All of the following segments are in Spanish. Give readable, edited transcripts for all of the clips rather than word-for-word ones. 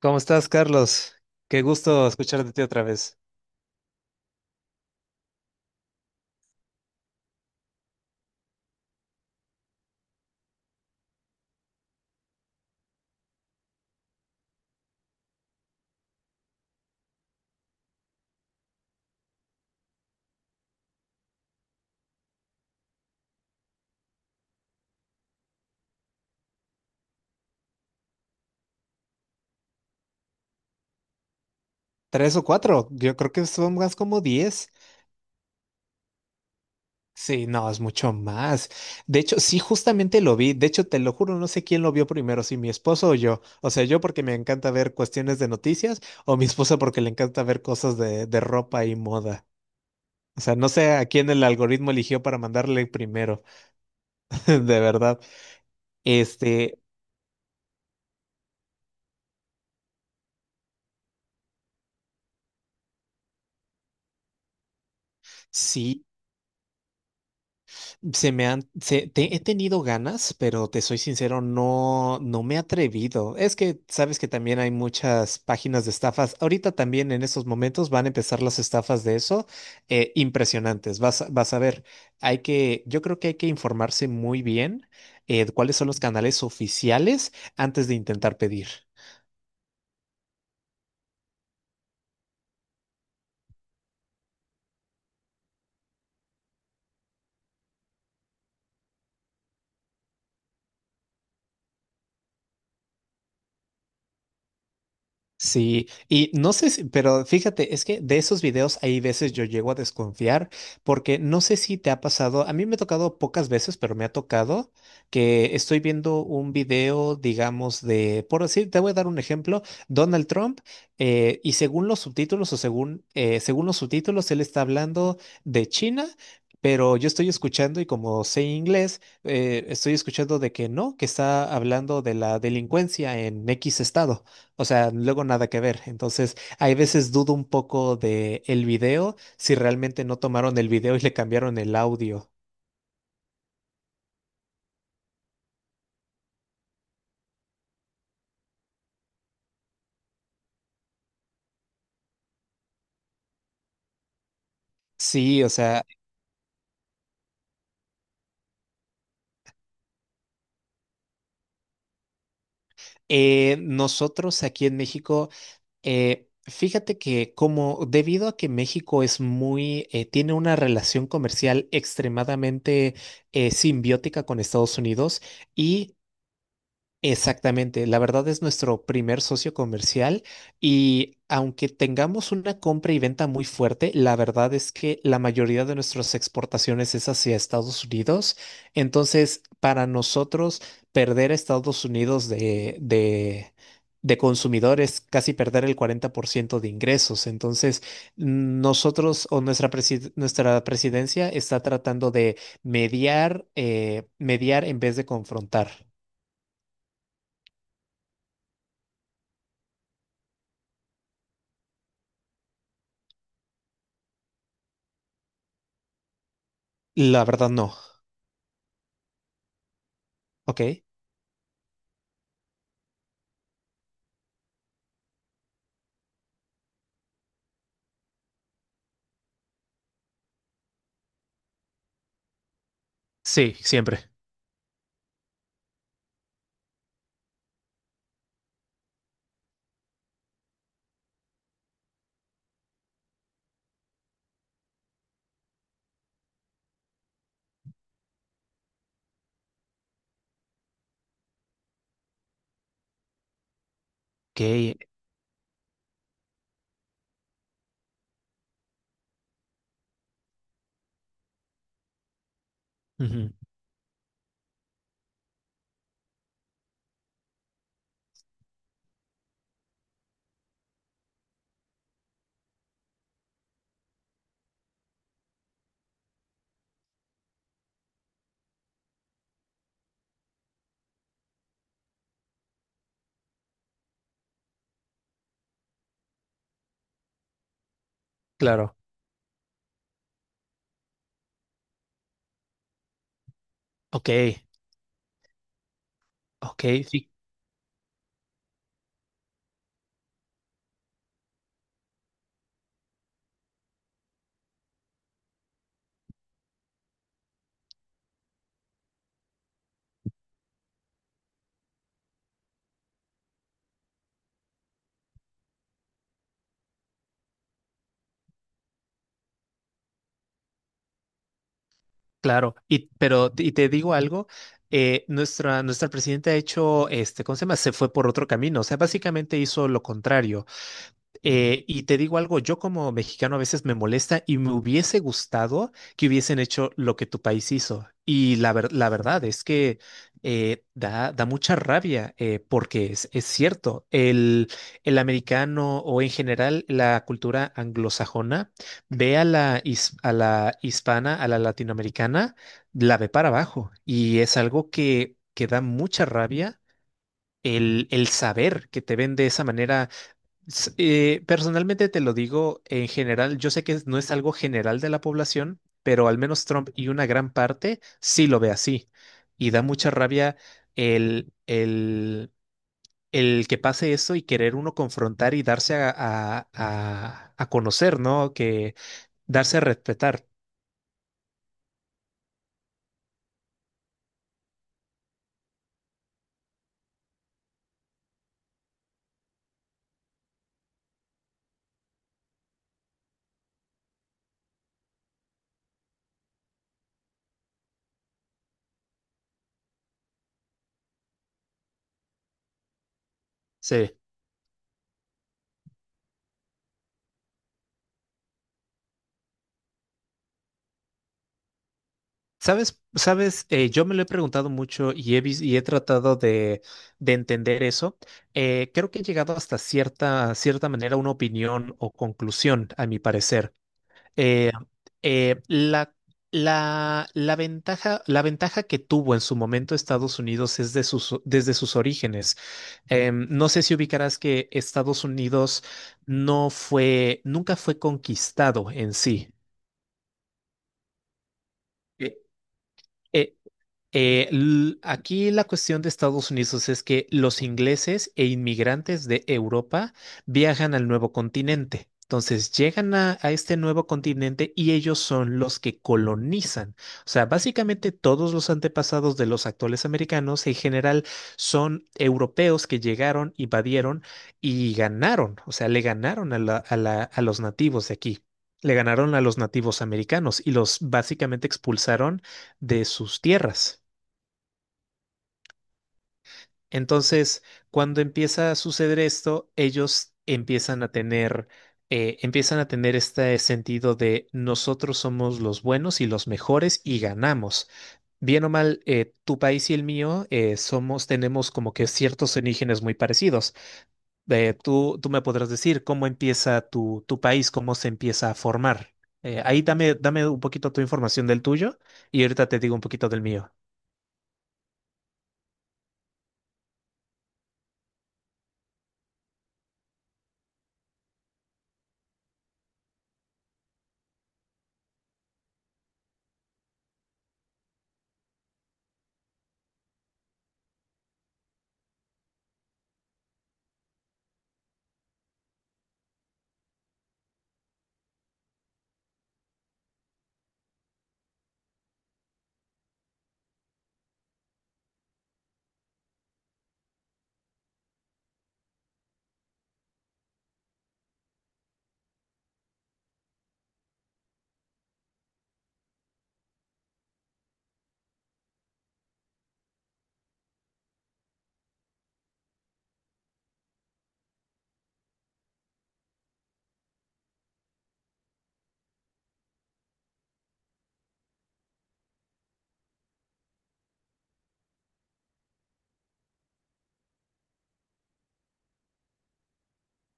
¿Cómo estás, Carlos? ¡Qué gusto escuchar de ti otra vez! ¿Tres o cuatro? Yo creo que son más como 10. Sí, no, es mucho más. De hecho, sí, justamente lo vi. De hecho, te lo juro, no sé quién lo vio primero, si mi esposo o yo. O sea, yo porque me encanta ver cuestiones de noticias, o mi esposa porque le encanta ver cosas de ropa y moda. O sea, no sé a quién el algoritmo eligió para mandarle primero, de verdad. Este, sí. Se me han, se- te- He tenido ganas, pero te soy sincero, no, no me he atrevido. Es que sabes que también hay muchas páginas de estafas. Ahorita también en estos momentos van a empezar las estafas de eso, impresionantes. Vas a ver. Yo creo que hay que informarse muy bien, cuáles son los canales oficiales antes de intentar pedir. Sí, y no sé si, pero fíjate, es que de esos videos hay veces yo llego a desconfiar, porque no sé si te ha pasado, a mí me ha tocado pocas veces, pero me ha tocado que estoy viendo un video, digamos, por decir, te voy a dar un ejemplo: Donald Trump. Y según los subtítulos o según los subtítulos, él está hablando de China. Pero yo estoy escuchando y como sé inglés, estoy escuchando de que no, que está hablando de la delincuencia en X estado. O sea, luego nada que ver. Entonces, hay veces dudo un poco de el video, si realmente no tomaron el video y le cambiaron el audio. Sí, o sea, nosotros aquí en México, fíjate que como debido a que México es muy, tiene una relación comercial extremadamente simbiótica con Estados Unidos y, exactamente, la verdad es nuestro primer socio comercial, y aunque tengamos una compra y venta muy fuerte, la verdad es que la mayoría de nuestras exportaciones es hacia Estados Unidos. Entonces, para nosotros, perder a Estados Unidos de, de consumidores, casi perder el 40% de ingresos. Entonces, nosotros o nuestra presidencia está tratando de mediar en vez de confrontar. La verdad no. Ok. Sí, siempre. Ok. Ujú. Claro. Ok. Ok. Sí, claro. Y, pero, y te digo algo, nuestra presidenta ha hecho, ¿cómo se llama? Se fue por otro camino. O sea, básicamente hizo lo contrario. Y te digo algo, yo como mexicano a veces me molesta y me hubiese gustado que hubiesen hecho lo que tu país hizo. Y la verdad es que da mucha rabia, porque es cierto, el americano o en general la cultura anglosajona ve a la hispana, a la latinoamericana, la ve para abajo. Y es algo que da mucha rabia el saber que te ven de esa manera. Personalmente te lo digo, en general, yo sé que no es algo general de la población, pero al menos Trump y una gran parte sí lo ve así. Y da mucha rabia el, el, el que pase esto, y querer uno confrontar y darse a conocer, ¿no? Que darse a respetar. Sí. Sabes, yo me lo he preguntado mucho y he tratado de entender eso. Creo que he llegado hasta cierta manera a una opinión o conclusión, a mi parecer. Eh, eh, la, la ventaja que tuvo en su momento Estados Unidos es desde sus orígenes. No sé si ubicarás que Estados Unidos no fue, nunca fue conquistado en sí. Eh, eh, Aquí la cuestión de Estados Unidos es que los ingleses e inmigrantes de Europa viajan al nuevo continente. Entonces llegan a este nuevo continente y ellos son los que colonizan. O sea, básicamente todos los antepasados de los actuales americanos en general son europeos que llegaron, invadieron y ganaron. O sea, le ganaron a los nativos de aquí. Le ganaron a los nativos americanos y los básicamente expulsaron de sus tierras. Entonces, cuando empieza a suceder esto, ellos empiezan a tener este sentido de nosotros somos los buenos y los mejores y ganamos. Bien o mal, tu país y el mío, tenemos como que ciertos orígenes muy parecidos. Tú me podrás decir cómo empieza tu país, cómo se empieza a formar. Ahí dame un poquito tu información del tuyo y ahorita te digo un poquito del mío.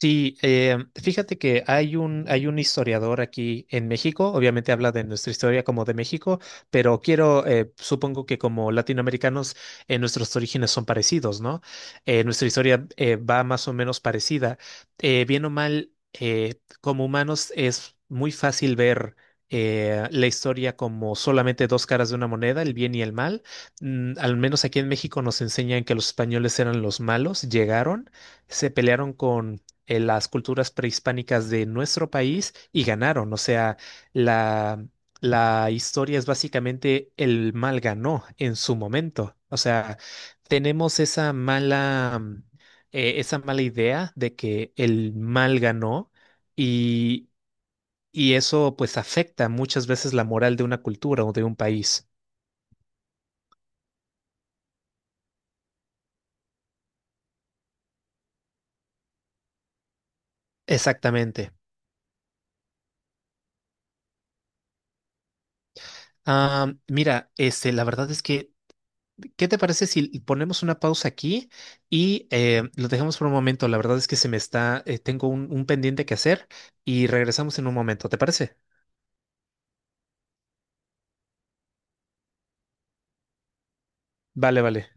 Sí, fíjate que hay un historiador aquí en México, obviamente habla de nuestra historia como de México, pero quiero, supongo que como latinoamericanos, nuestros orígenes son parecidos, ¿no? Nuestra historia, va más o menos parecida. Bien o mal, como humanos es muy fácil ver, la historia como solamente dos caras de una moneda, el bien y el mal. Al menos aquí en México nos enseñan que los españoles eran los malos, llegaron, se pelearon con en las culturas prehispánicas de nuestro país y ganaron. O sea, la, la historia es básicamente el mal ganó en su momento. O sea, tenemos esa mala idea de que el mal ganó, y, y eso pues afecta muchas veces la moral de una cultura o de un país. Exactamente. Ah, mira, la verdad es que, ¿qué te parece si ponemos una pausa aquí y lo dejamos por un momento? La verdad es que tengo un pendiente que hacer y regresamos en un momento. ¿Te parece? Vale, vale.